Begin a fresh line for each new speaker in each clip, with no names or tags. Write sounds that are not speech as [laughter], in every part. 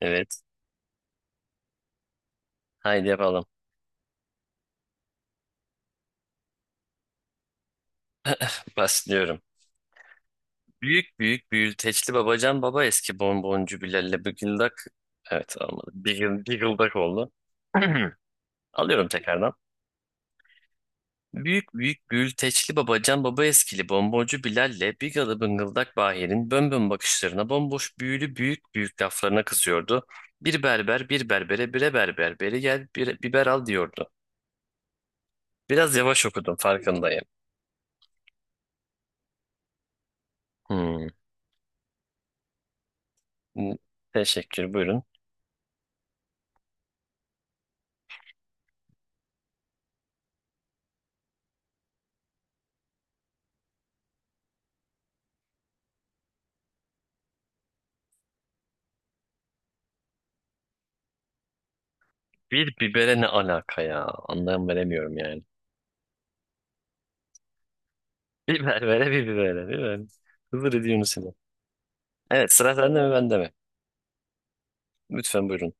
Evet. Haydi yapalım. Başlıyorum. Büyük büyük büyülteçli babacan baba eski bonboncu Bilal'le bıgıldak. Evet olmadı. Bigıl, bigıldak oldu. [clears throat] Alıyorum tekrardan. Büyük büyük büyülteçli babacan baba eskili bonboncu Bilal'le bigalı bıngıldak Bahir'in bönbön bakışlarına bomboş büyülü büyük büyük laflarına kızıyordu. Bir berber bir berbere bire berber beri gel bir biber al diyordu. Biraz yavaş okudum farkındayım. Hmm. Teşekkür buyurun. Bir bibere ne alaka ya? Anlam veremiyorum yani. [laughs] Biber vere bir bibere. Biber. Hızır ediyorsun seni. Evet, sıra sende mi bende mi? Lütfen buyurun.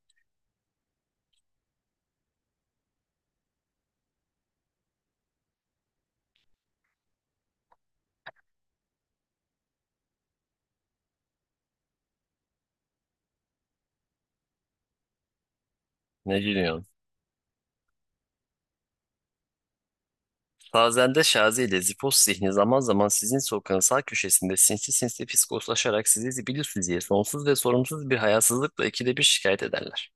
Ne gülüyorsun? Fazende Şazi ile Zipos zihni zaman zaman sizin sokağın sağ köşesinde sinsi sinsi fiskoslaşarak sizi zibilüs sonsuz ve sorumsuz bir hayasızlıkla ikide bir şikayet ederler.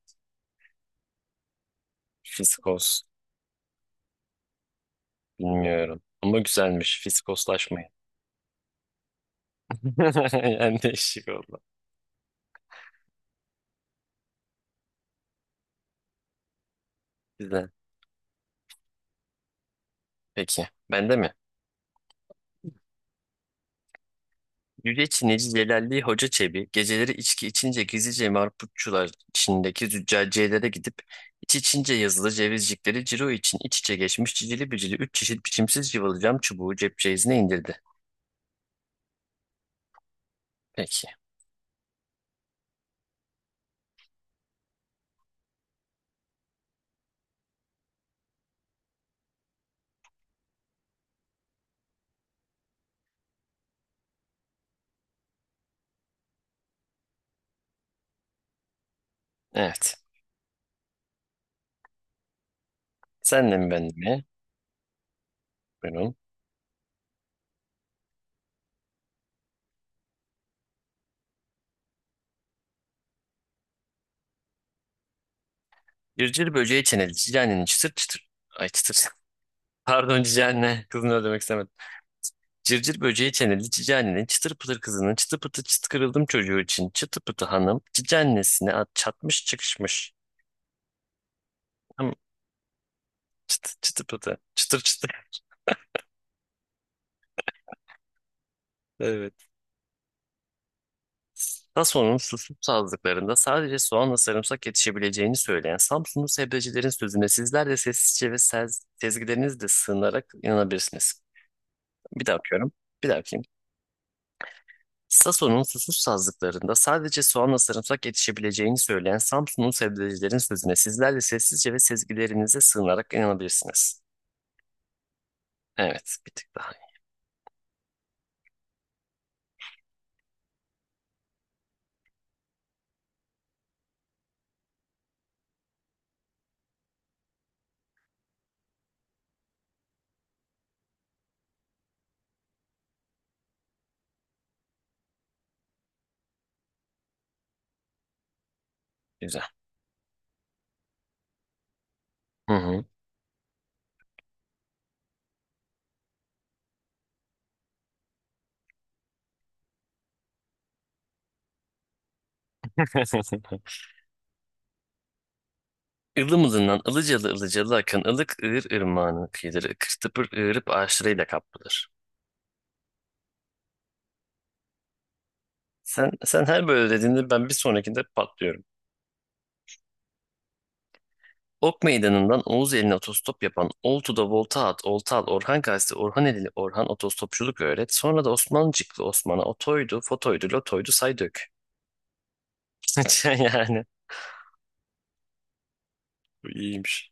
Fiskos. Bilmiyorum. Ama güzelmiş. Fiskoslaşmayın. [laughs] Yani değişik oldu. Güzel. Peki. Bende mi? Yüce Çinici Celalli Hoca Çebi geceleri içki içince gizlice marputçular Çin'deki züccaciyelere gidip iç içince yazılı cevizcikleri ciro için iç içe geçmiş cicili bicili üç çeşit biçimsiz cıvalı cam çubuğu cep ceyizine indirdi. Peki. Evet. Senle mi ben mi? Buyurun. Cırcır böceği çeneli cicanenin çıtır çıtır. Ay çıtır. [laughs] Pardon cicane. Kızını öldürmek istemedim. Cırcır böceği çeneli cicanenin çıtır pıtır kızının çıtı pıtı çıt kırıldım çocuğu için çıtı pıtı hanım cicanesine at çatmış çıkışmış. Tamam. Çıtı çıtı pıtı. Çıtır çıtır. [laughs] Evet. TASO'nun susuz sazlıklarında sadece soğanla sarımsak yetişebileceğini söyleyen Samsunlu sebzecilerin sözüne sizler de sessizce ve sezgilerinizle sığınarak inanabilirsiniz. Bir daha okuyorum. Bir daha okuyayım. Sason'un susuz sazlıklarında sadece soğanla sarımsak yetişebileceğini söyleyen Samsunlu sebzecilerin sözüne sizler de sessizce ve sezgilerinize sığınarak inanabilirsiniz. Evet, bir tık daha iyi. Güzel. Hı hı. [laughs] Ilımızından ılıcalı ılıcalı akan ılık ığır ırmağının kıyıları ıkır tıpır ığırıp ağaçlarıyla kaplıdır. Sen her böyle dediğinde ben bir sonrakinde patlıyorum. Ok meydanından Oğuz eline otostop yapan Oltu'da volta at, olta al, Orhan Gazi, Orhan Edili, Orhan otostopçuluk öğret. Sonra da Osmancıklı Osman'a otoydu, fotoydu, lotoydu say dök. [laughs] Yani bu iyiymiş.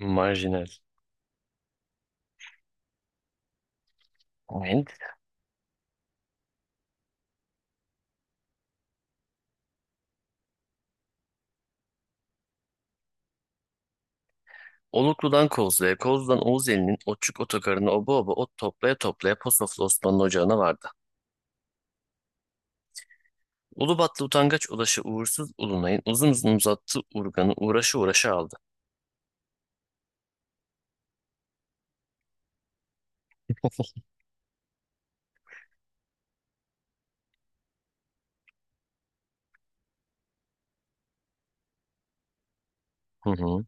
Marjinal. Evet. Oluklu'dan Kozlu'ya, Kozlu'dan Oğuz elinin Otçuk otogarına oba oba ot toplaya toplaya Posoflu Osman'ın ocağına vardı. Ulubatlı utangaç ulaşı uğursuz ulunayın uzun uzun uzattı urganı uğraşı uğraşı aldı. Hı hı.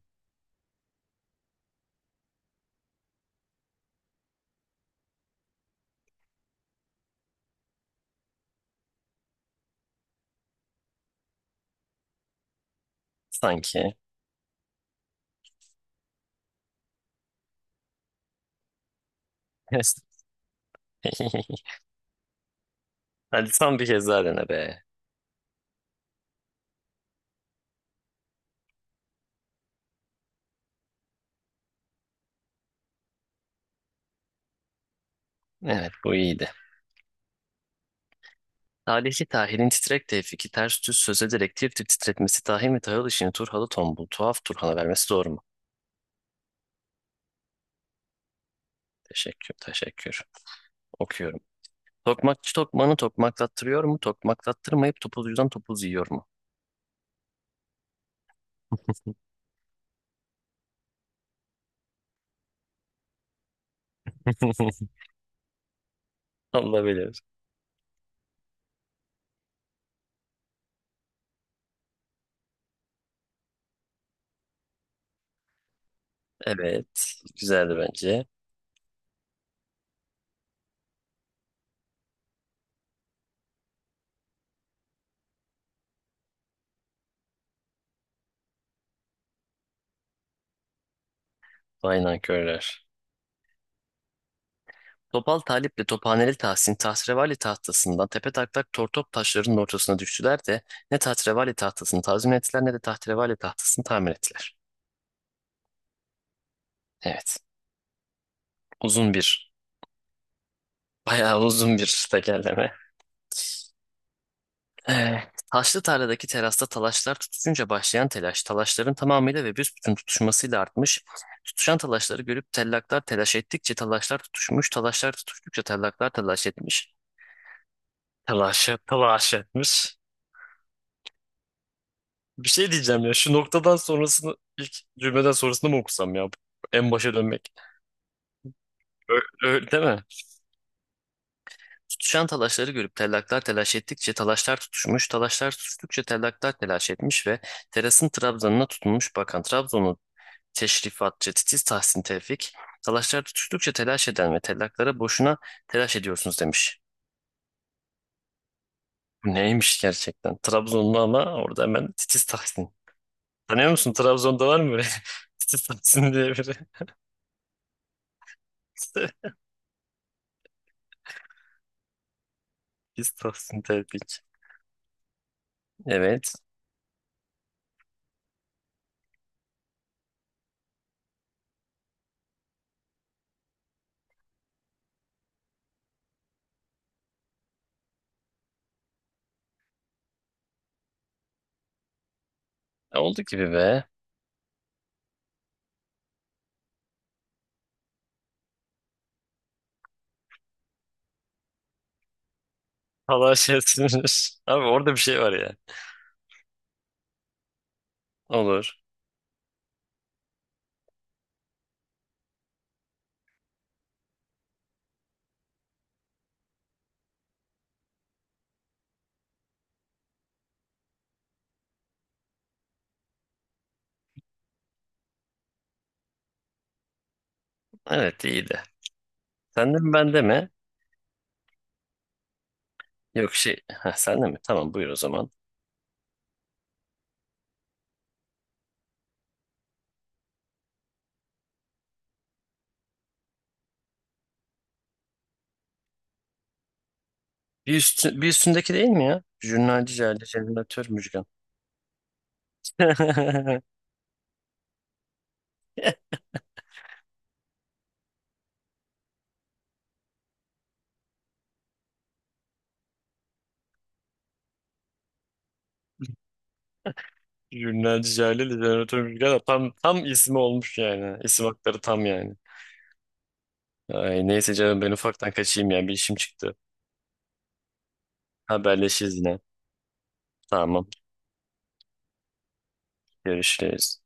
Sanki. [laughs] Hadi son bir kez daha dene be. Evet, bu iyiydi. Talihli Tahir'in titrek tevfiki ters düz söz ederek tir tir titretmesi Tahir ve Tahıl işini Turhalı tombul tuhaf Turhan'a vermesi doğru mu? Teşekkür teşekkür. Okuyorum. Tokmakçı tokmanı tokmaklattırıyor mu? Tokmaklattırmayıp topuzcudan topuz yiyor mu? [laughs] Allah bilir. Evet. Güzeldi bence. Vay nankörler. Topal Talip'le Tophaneli Tahsin tahrevali tahtasından tepe taklak tortop taşlarının ortasına düştüler de ne tahrevali tahtasını tazmin ettiler ne de tahrevali tahtasını tamir ettiler. Evet. Uzun bir, bayağı uzun bir tekerleme. Eh, taşlı tarladaki terasta talaşlar tutuşunca başlayan telaş, talaşların tamamıyla ve büsbütün tutuşmasıyla artmış. Tutuşan talaşları görüp tellaklar telaş ettikçe talaşlar tutuşmuş, talaşlar tutuştukça tellaklar telaş etmiş. Telaş etmiş. Bir şey diyeceğim ya şu noktadan sonrasını ilk cümleden sonrasını mı okusam ya? En başa dönmek. Öyle, değil mi? Tutuşan talaşları görüp tellaklar telaş ettikçe talaşlar tutuşmuş, talaşlar tutuştukça tellaklar telaş etmiş ve terasın trabzanına tutunmuş bakan Trabzonlu teşrifatçı titiz Tahsin Tevfik, talaşlar tutuştukça telaş eden ve tellaklara boşuna telaş ediyorsunuz demiş. Bu neymiş gerçekten? Trabzonlu ama orada hemen titiz Tahsin. Tanıyor musun? Trabzon'da var mı böyle [laughs] titiz Tahsin diye biri? [laughs] Biz Tahsin Tevfik. Evet. E, oldu gibi be. Allah şey sinir. [laughs] Abi orada bir şey var ya. Olur. Evet, iyiydi. Sende mi bende mi? Yok şey. Ha, sende mi? Tamam, buyur o zaman. Bir üstündeki değil mi ya? Jurnalci Cale Jeneratör Müjgan. [laughs] Jurnalci Cale Jeneratör Müjgan. Tam ismi olmuş yani. İsim hakları tam yani. Ay, neyse canım ben ufaktan kaçayım ya. Bir işim çıktı. Haberleşiriz yine. Tamam. Görüşürüz.